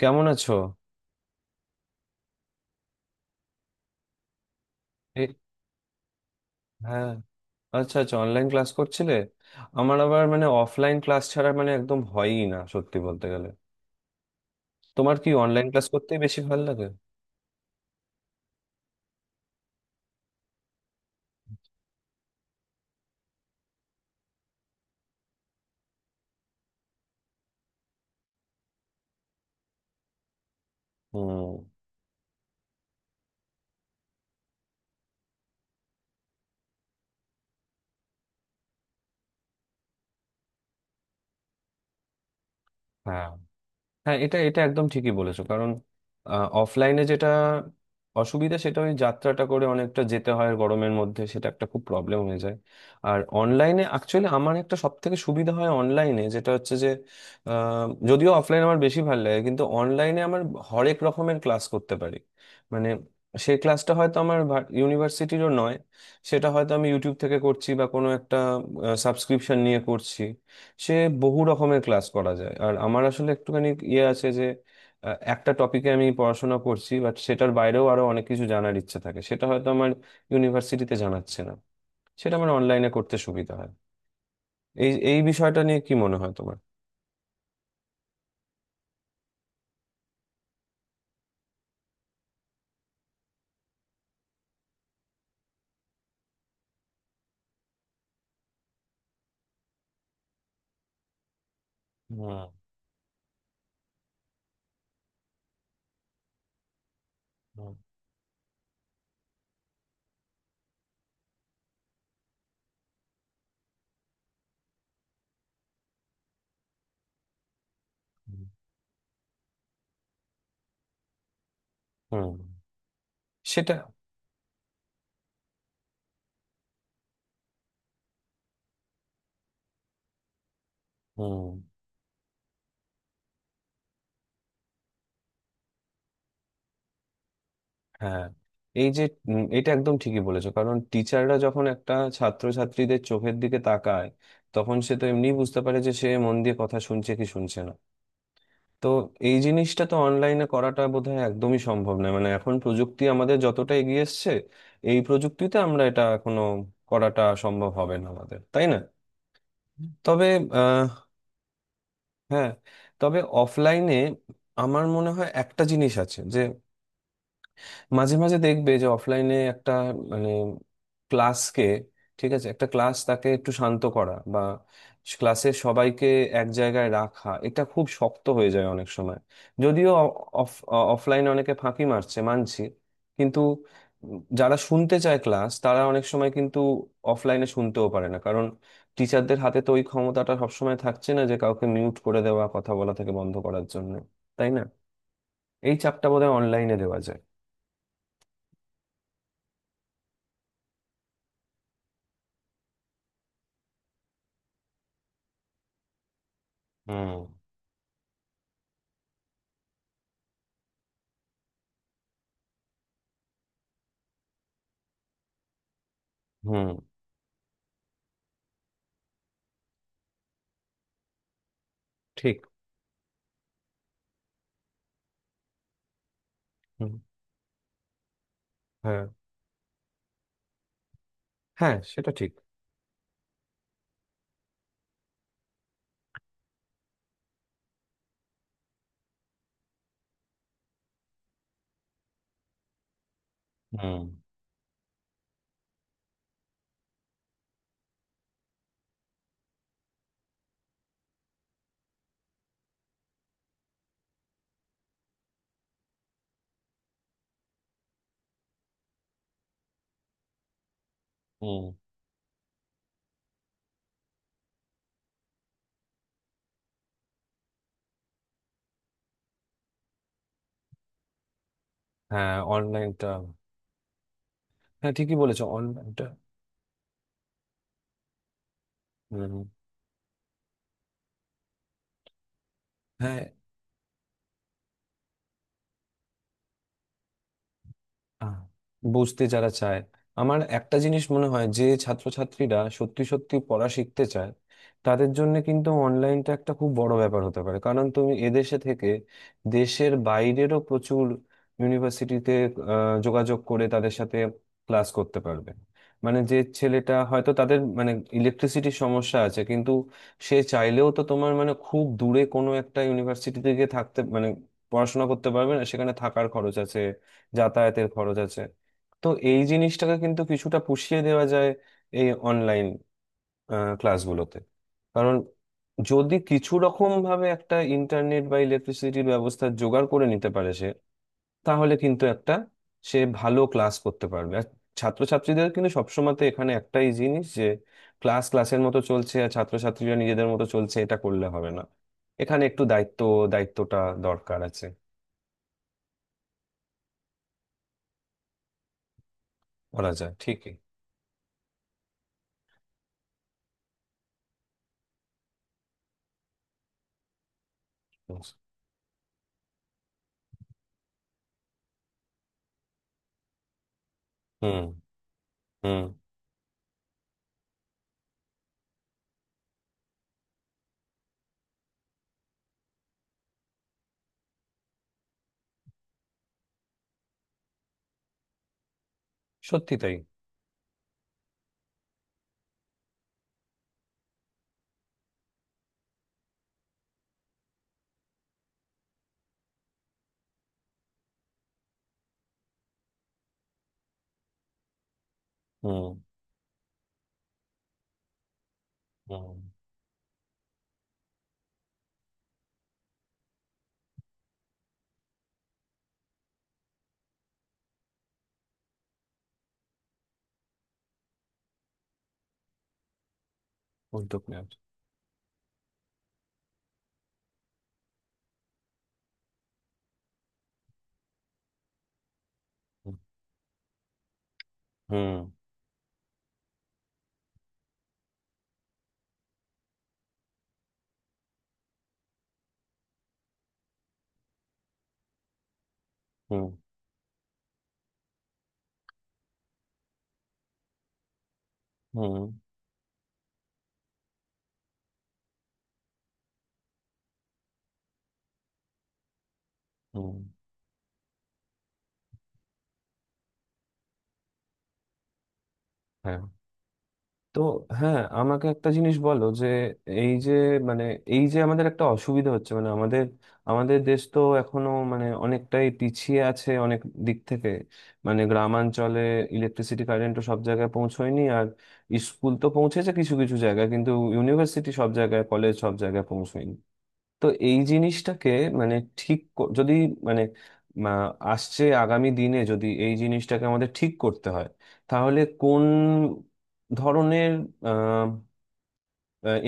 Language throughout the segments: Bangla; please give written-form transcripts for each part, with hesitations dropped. কেমন আছো? এ? হ্যাঁ। আচ্ছা আচ্ছা, অনলাইন ক্লাস করছিলে। আমার আবার মানে অফলাইন ক্লাস ছাড়া মানে একদম হয়ই না সত্যি বলতে গেলে। তোমার কি অনলাইন ক্লাস করতেই বেশি ভালো লাগে? হুম। হ্যাঁ, হ্যাঁ, এটা এটা একদম ঠিকই বলেছো। কারণ অফলাইনে যেটা অসুবিধা, সেটা ওই যাত্রাটা করে অনেকটা যেতে হয় গরমের মধ্যে, সেটা একটা খুব প্রবলেম হয়ে যায়। আর অনলাইনে অ্যাকচুয়ালি আমার একটা সব থেকে সুবিধা হয় অনলাইনে, যেটা হচ্ছে যে যদিও অফলাইন আমার বেশি ভালো লাগে, কিন্তু অনলাইনে আমার হরেক রকমের ক্লাস করতে পারি। মানে সেই ক্লাসটা হয়তো আমার ইউনিভার্সিটিরও নয়, সেটা হয়তো আমি ইউটিউব থেকে করছি বা কোনো একটা সাবস্ক্রিপশন নিয়ে করছি। সে বহু রকমের ক্লাস করা যায়। আর আমার আসলে একটুখানি ইয়ে আছে যে একটা টপিকে আমি পড়াশোনা করছি, বাট সেটার বাইরেও আরো অনেক কিছু জানার ইচ্ছে থাকে, সেটা হয়তো আমার ইউনিভার্সিটিতে জানাচ্ছে না, সেটা আমার অনলাইনে করতে সুবিধা হয়। এই এই বিষয়টা নিয়ে কি মনে হয় তোমার? হুম। হুম। হুম। হুম। সেটা। হুম। হ্যাঁ, এই যে এটা একদম ঠিকই বলেছো। কারণ টিচাররা যখন একটা ছাত্রছাত্রীদের চোখের দিকে তাকায়, তখন সে তো এমনি বুঝতে পারে যে সে মন দিয়ে কথা শুনছে কি শুনছে না। তো এই জিনিসটা তো অনলাইনে করাটা বোধহয় একদমই সম্ভব নয়। মানে এখন প্রযুক্তি আমাদের যতটা এগিয়ে এসছে, এই প্রযুক্তিতে আমরা এটা এখনো করাটা সম্ভব হবে না আমাদের, তাই না? তবে আহ, হ্যাঁ। তবে অফলাইনে আমার মনে হয় একটা জিনিস আছে যে মাঝে মাঝে দেখবে যে অফলাইনে একটা, মানে, ক্লাসকে, ঠিক আছে, একটা ক্লাস তাকে একটু শান্ত করা বা ক্লাসের সবাইকে এক জায়গায় রাখা, এটা খুব শক্ত হয়ে যায় অনেক সময়। যদিও অফ অফলাইনে অনেকে ফাঁকি মারছে মানছি, কিন্তু যারা শুনতে চায় ক্লাস, তারা অনেক সময় কিন্তু অফলাইনে শুনতেও পারে না, কারণ টিচারদের হাতে তো ওই ক্ষমতাটা সবসময় থাকছে না যে কাউকে মিউট করে দেওয়া, কথা বলা থেকে বন্ধ করার জন্য, তাই না? এই চাপটা বোধহয় অনলাইনে দেওয়া যায়। হুম। হুম। ঠিক। হুম। হ্যাঁ। হ্যাঁ, সেটা ঠিক। হুম। হুম। হ্যাঁ, অনলাইনটা। হ্যাঁ, ঠিকই বলেছো, অনলাইনটা। হুম। হ্যাঁ, আহ, বুঝতে যারা চায়, আমার একটা জিনিস মনে হয় যে ছাত্রছাত্রীরা সত্যি সত্যি পড়া শিখতে চায়, তাদের জন্য কিন্তু অনলাইনটা একটা খুব বড় ব্যাপার হতে পারে। কারণ তুমি এদেশে থেকে দেশের বাইরেরও প্রচুর ইউনিভার্সিটিতে যোগাযোগ করে তাদের সাথে ক্লাস করতে পারবে। মানে যে ছেলেটা হয়তো তাদের, মানে, ইলেকট্রিসিটির সমস্যা আছে, কিন্তু সে চাইলেও তো তোমার, মানে, খুব দূরে কোনো একটা ইউনিভার্সিটিতে গিয়ে থাকতে, মানে, পড়াশোনা করতে পারবে না, সেখানে থাকার খরচ আছে, যাতায়াতের খরচ আছে। তো এই জিনিসটাকে কিন্তু কিছুটা পুষিয়ে দেওয়া যায় এই অনলাইন ক্লাসগুলোতে। কারণ যদি কিছু রকম ভাবে একটা ইন্টারনেট বা ইলেকট্রিসিটির ব্যবস্থা জোগাড় করে নিতে পারে সে, তাহলে কিন্তু একটা, সে ভালো ক্লাস করতে পারবে। আর ছাত্রছাত্রীদের কিন্তু সবসময়তে এখানে একটাই জিনিস যে ক্লাস ক্লাসের মতো চলছে আর ছাত্রছাত্রীরা নিজেদের মতো চলছে, এটা করলে হবে না, এখানে একটু দায়িত্ব, দায়িত্বটা দরকার আছে, বলা যায় ঠিকই। হুম। হুম। সত্যি তাই। হুম। হুম। উদ্যোগ নেওয়া উচিত। হুম। হুম। হুম। হুম। হ্যাঁ। তো হ্যাঁ, আমাকে একটা জিনিস বলো যে এই যে, মানে, এই যে আমাদের একটা অসুবিধা হচ্ছে, মানে আমাদের আমাদের দেশ তো এখনো মানে অনেকটাই পিছিয়ে আছে অনেক দিক থেকে। মানে গ্রামাঞ্চলে ইলেকট্রিসিটি, কারেন্ট তো সব জায়গায় পৌঁছয়নি। আর স্কুল তো পৌঁছেছে কিছু কিছু জায়গায়, কিন্তু ইউনিভার্সিটি সব জায়গায়, কলেজ সব জায়গায় পৌঁছয়নি। তো এই জিনিসটাকে, মানে, ঠিক যদি, মানে, মা, আসছে আগামী দিনে যদি এই জিনিসটাকে আমাদের ঠিক করতে হয়, তাহলে কোন ধরনের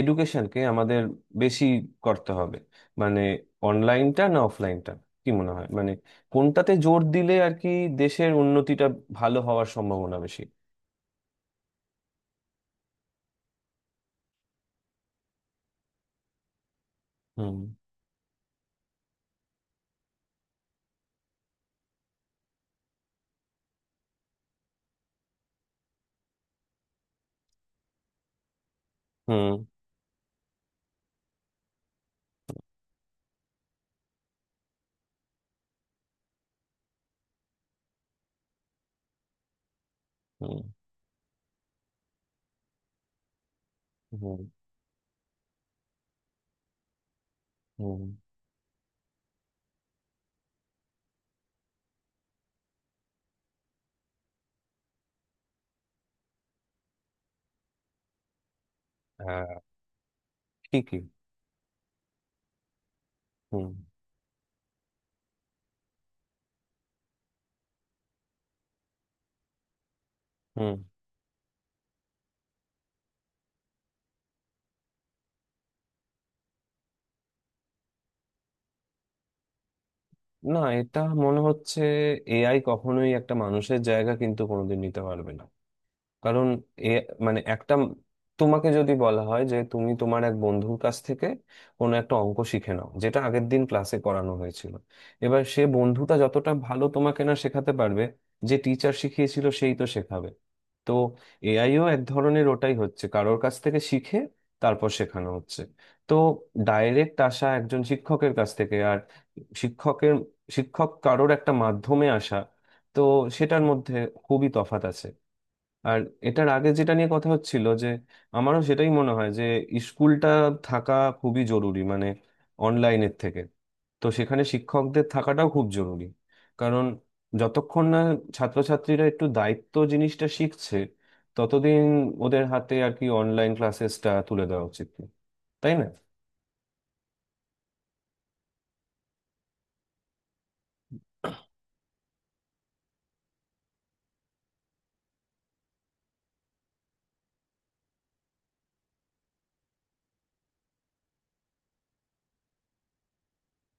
এডুকেশনকে আমাদের বেশি করতে হবে? মানে অনলাইনটা না অফলাইনটা, কি মনে হয়? মানে কোনটাতে জোর দিলে আর কি দেশের উন্নতিটা ভালো হওয়ার সম্ভাবনা বেশি? হুম। হুম। হুম। হুম। হুম। হ্যাঁ, ঠিকই। হুম। হুম। না, এটা মনে হচ্ছে এআই কখনোই একটা মানুষের জায়গা কিন্তু কোনোদিন নিতে পারবে না। কারণ, এ, মানে, একটা, তোমাকে যদি বলা হয় যে তুমি তোমার এক বন্ধুর কাছ থেকে কোনো একটা অঙ্ক শিখে নাও যেটা আগের দিন ক্লাসে করানো হয়েছিল, এবার সে বন্ধুটা যতটা ভালো তোমাকে না শেখাতে পারবে, যে টিচার শিখিয়েছিল সেই তো শেখাবে। তো এআইও এক ধরনের ওটাই হচ্ছে, কারোর কাছ থেকে শিখে তারপর শেখানো হচ্ছে। তো ডাইরেক্ট আসা একজন শিক্ষকের কাছ থেকে, আর শিক্ষকের, শিক্ষক কারোর একটা মাধ্যমে আসা, তো সেটার মধ্যে খুবই তফাৎ আছে। আর এটার আগে যেটা নিয়ে কথা হচ্ছিল যে আমারও সেটাই মনে হয় যে স্কুলটা থাকা খুবই জরুরি, মানে অনলাইনের থেকে। তো সেখানে শিক্ষকদের থাকাটাও খুব জরুরি। কারণ যতক্ষণ না ছাত্রছাত্রীরা একটু দায়িত্ব জিনিসটা শিখছে, ততদিন ওদের হাতে আর কি অনলাইন ক্লাসেসটা তুলে দেওয়া উচিত না। তাই না?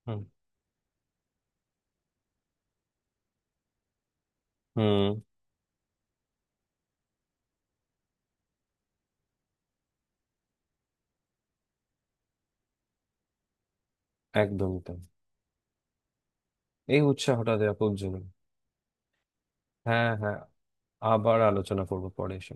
হুম। হুম। একদমই তাই। এই উৎসাহটা দেওয়া খুব জরুরি। হ্যাঁ, হ্যাঁ, আবার আলোচনা করবো পরে এসে।